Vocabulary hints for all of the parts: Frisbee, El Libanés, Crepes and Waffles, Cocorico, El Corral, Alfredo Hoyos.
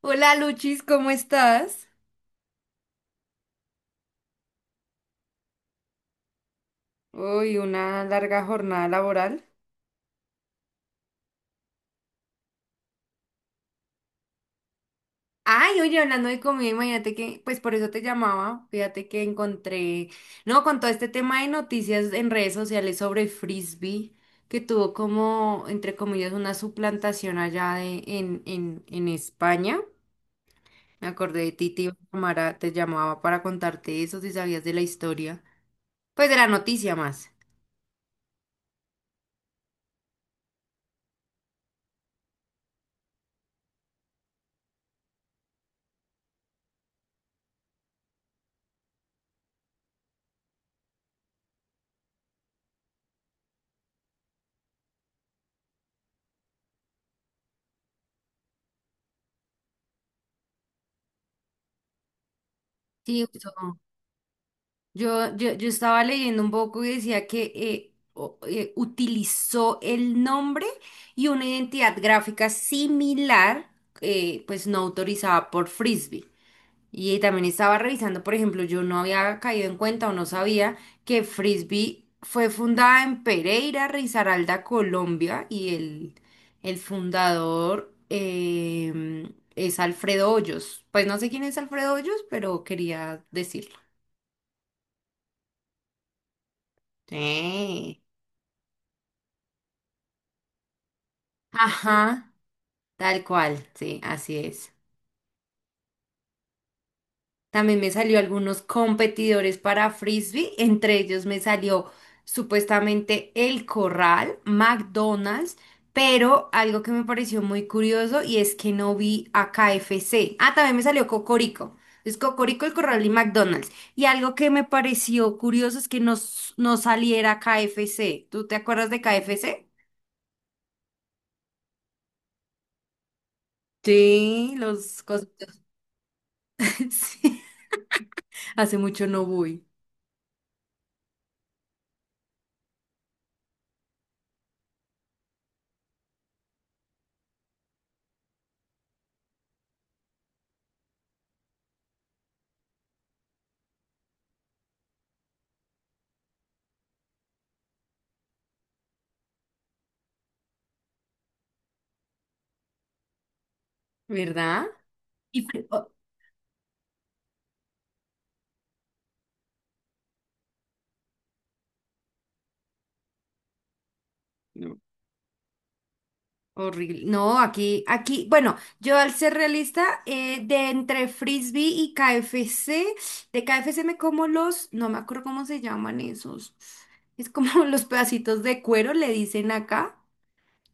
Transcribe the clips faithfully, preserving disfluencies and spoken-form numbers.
Hola Luchis, ¿cómo estás? Uy, una larga jornada laboral. Ay, oye, hablando de comida, imagínate que, pues por eso te llamaba, fíjate que encontré, no, con todo este tema de noticias en redes sociales sobre Frisbee, que tuvo como, entre comillas, una suplantación allá de, en, en, en España. Me acordé de ti, te iba a llamar a- te llamaba para contarte eso, si sabías de la historia. Pues de la noticia más. Sí, eso. Yo, yo, yo estaba leyendo un poco y decía que eh, o- eh, utilizó el nombre y una identidad gráfica similar, eh, pues no autorizada por Frisbee. Y también estaba revisando, por ejemplo, yo no había caído en cuenta o no sabía que Frisbee fue fundada en Pereira, Risaralda, Colombia, y el, el fundador em, es Alfredo Hoyos. Pues no sé quién es Alfredo Hoyos, pero quería decirlo. Sí. Ajá, tal cual, sí, así es. También me salió algunos competidores para frisbee, entre ellos me salió supuestamente El Corral, McDonald's, pero algo que me pareció muy curioso y es que no vi a K F C. Ah, también me salió Cocorico. Es Cocorico, El Corral y McDonald's. Y algo que me pareció curioso es que no, s- no saliera K F C. ¿Tú te acuerdas de K F C? Sí, los cositos. Sí, hace mucho no voy. ¿Verdad? Y fue- o- No. Horrible. No, aquí, aquí, bueno, yo al ser realista, eh, de entre frisbee y K F C, de K F C me como los, no me acuerdo cómo se llaman esos. Es como los pedacitos de cuero, le dicen acá.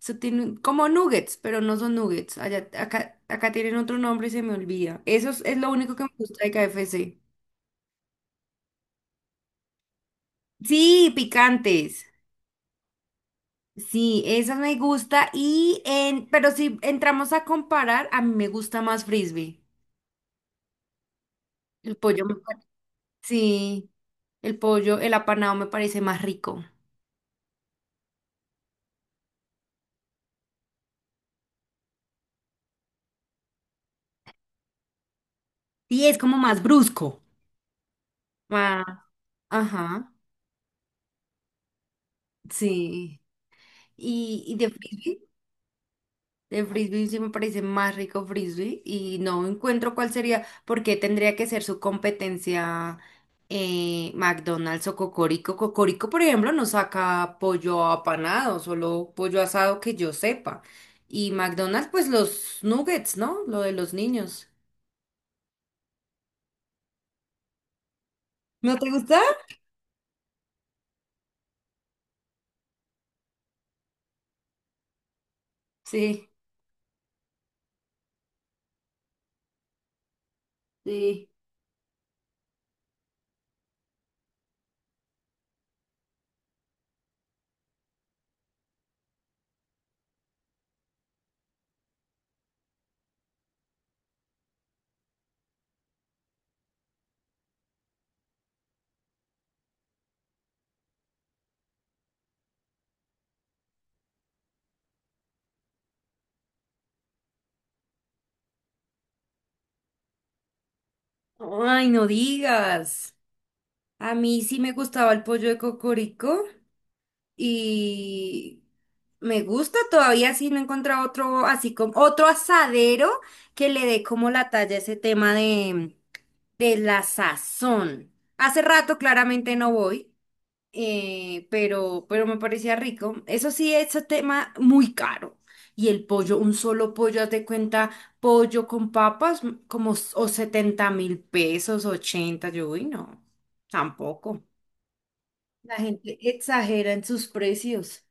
Eso tiene un- como nuggets, pero no son nuggets. Allá, acá, acá tienen otro nombre y se me olvida. Eso es, es lo único que me gusta de K F C. Sí, picantes. Sí, esa me gusta y en, pero si entramos a comparar, a mí me gusta más frisbee. El pollo me pa- Sí, el pollo, el apanado me parece más rico. Sí, es como más brusco. Ah, ajá, sí. ¿Y, y de frisbee? De frisbee sí me parece más rico frisbee y no encuentro cuál sería, porque tendría que ser su competencia eh, McDonald's o Cocorico. Cocorico, por ejemplo, no saca pollo apanado, solo pollo asado que yo sepa. Y McDonald's, pues los nuggets, ¿no? Lo de los niños. ¿No te gusta? Sí. Sí. Ay, no digas. A mí sí me gustaba el pollo de Cocorico. Y me gusta todavía si no encuentra otro, así como otro asadero que le dé como la talla a ese tema de, de la sazón. Hace rato claramente no voy, eh, pero, pero me parecía rico. Eso sí, ese tema muy caro. Y el pollo, un solo pollo, haz de cuenta, pollo con papas, m- como s- o setenta mil pesos, ochenta yo, uy, no, tampoco. La gente exagera en sus precios.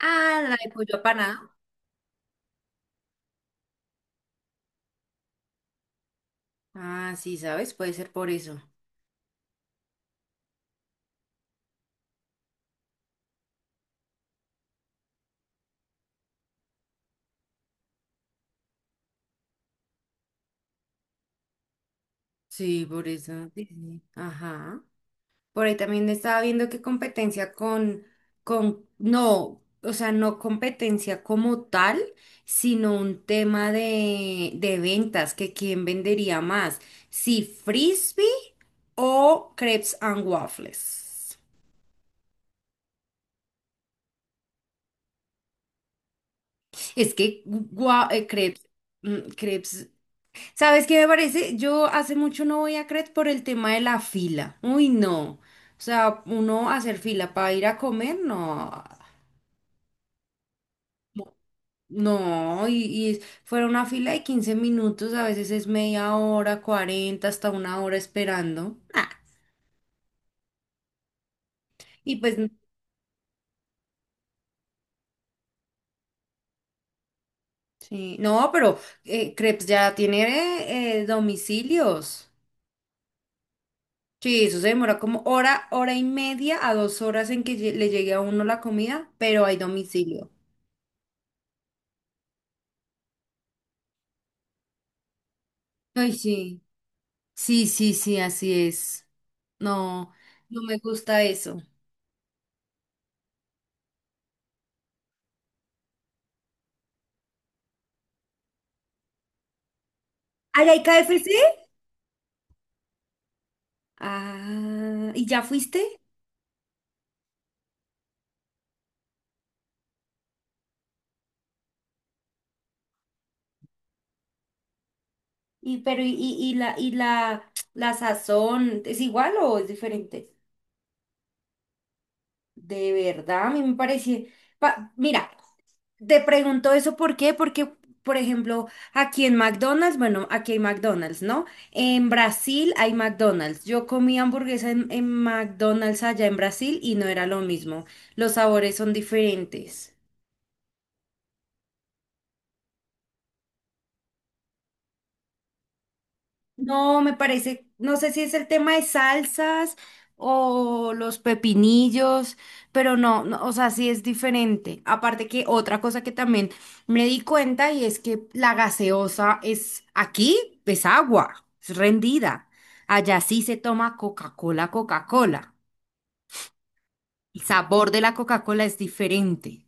Ah, la de pollo apanado. Ah, sí, ¿sabes? Puede ser por eso. Sí, por eso. Sí, sí. Ajá. Por ahí también estaba viendo que competencia con, con, no, o sea, no competencia como tal, sino un tema de, de ventas, que quién vendería más, si frisbee o crepes and waffles. Es que gua- eh, crepes, mm, crepes ¿Sabes qué me parece? Yo hace mucho no voy a Cret por el tema de la fila. Uy, no. O sea, uno hacer fila para ir a comer, no. No, y, y fuera una fila de quince minutos, a veces es media hora, cuarenta hasta una hora esperando. Ah, y pues, sí, no, pero eh, Crepes ya tiene eh, eh, domicilios. Sí, eso se demora como hora, hora y media a dos horas en que lle- le llegue a uno la comida, pero hay domicilio. Ay, sí. Sí, sí, sí, así es. No, no me gusta eso. ¿Allá hay K F C? Ah, ¿y ya fuiste? Y pero y, y- y la y la la sazón es igual o es diferente? De verdad, a mí me parece. pa- mira, te pregunto eso ¿por qué? Porque, por ejemplo, aquí en McDonald's, bueno, aquí hay McDonald's, ¿no? En Brasil hay McDonald's. Yo comí hamburguesa en, en McDonald's allá en Brasil y no era lo mismo. Los sabores son diferentes. No, me parece, no sé si es el tema de salsas o los pepinillos, pero no, no, o sea, sí es diferente. Aparte que otra cosa que también me di cuenta y es que la gaseosa es aquí, es agua, es rendida. Allá sí se toma Coca-Cola, Coca-Cola. El sabor de la Coca-Cola es diferente.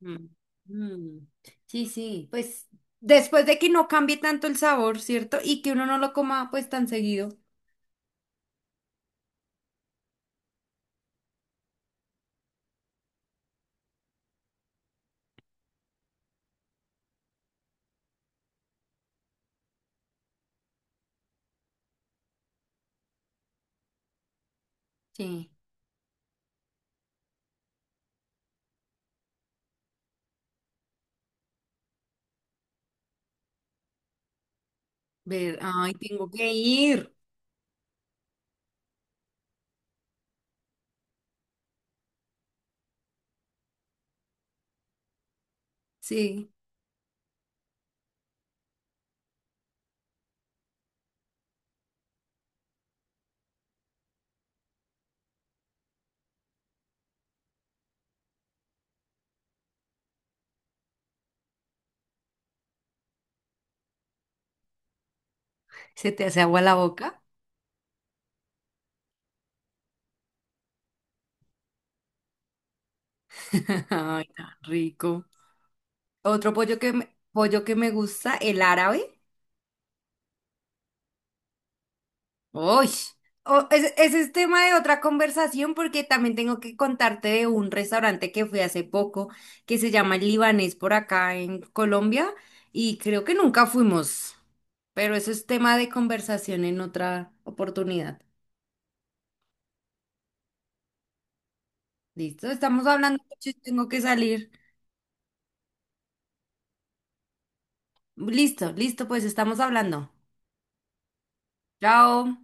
Mm, mm. Sí, sí. Pues después de que no cambie tanto el sabor, ¿cierto? Y que uno no lo coma pues tan seguido. Sí. Ver, ay, tengo que ir. Sí, se te hace agua la boca. Ay, tan rico. Otro pollo que me, pollo que me gusta, el árabe. Uy, Oh, ese, ese es tema de otra conversación porque también tengo que contarte de un restaurante que fui hace poco que se llama El Libanés por acá en Colombia y creo que nunca fuimos, pero eso es tema de conversación en otra oportunidad. Listo, estamos hablando, mucho y tengo que salir. Listo, listo, pues estamos hablando. Chao.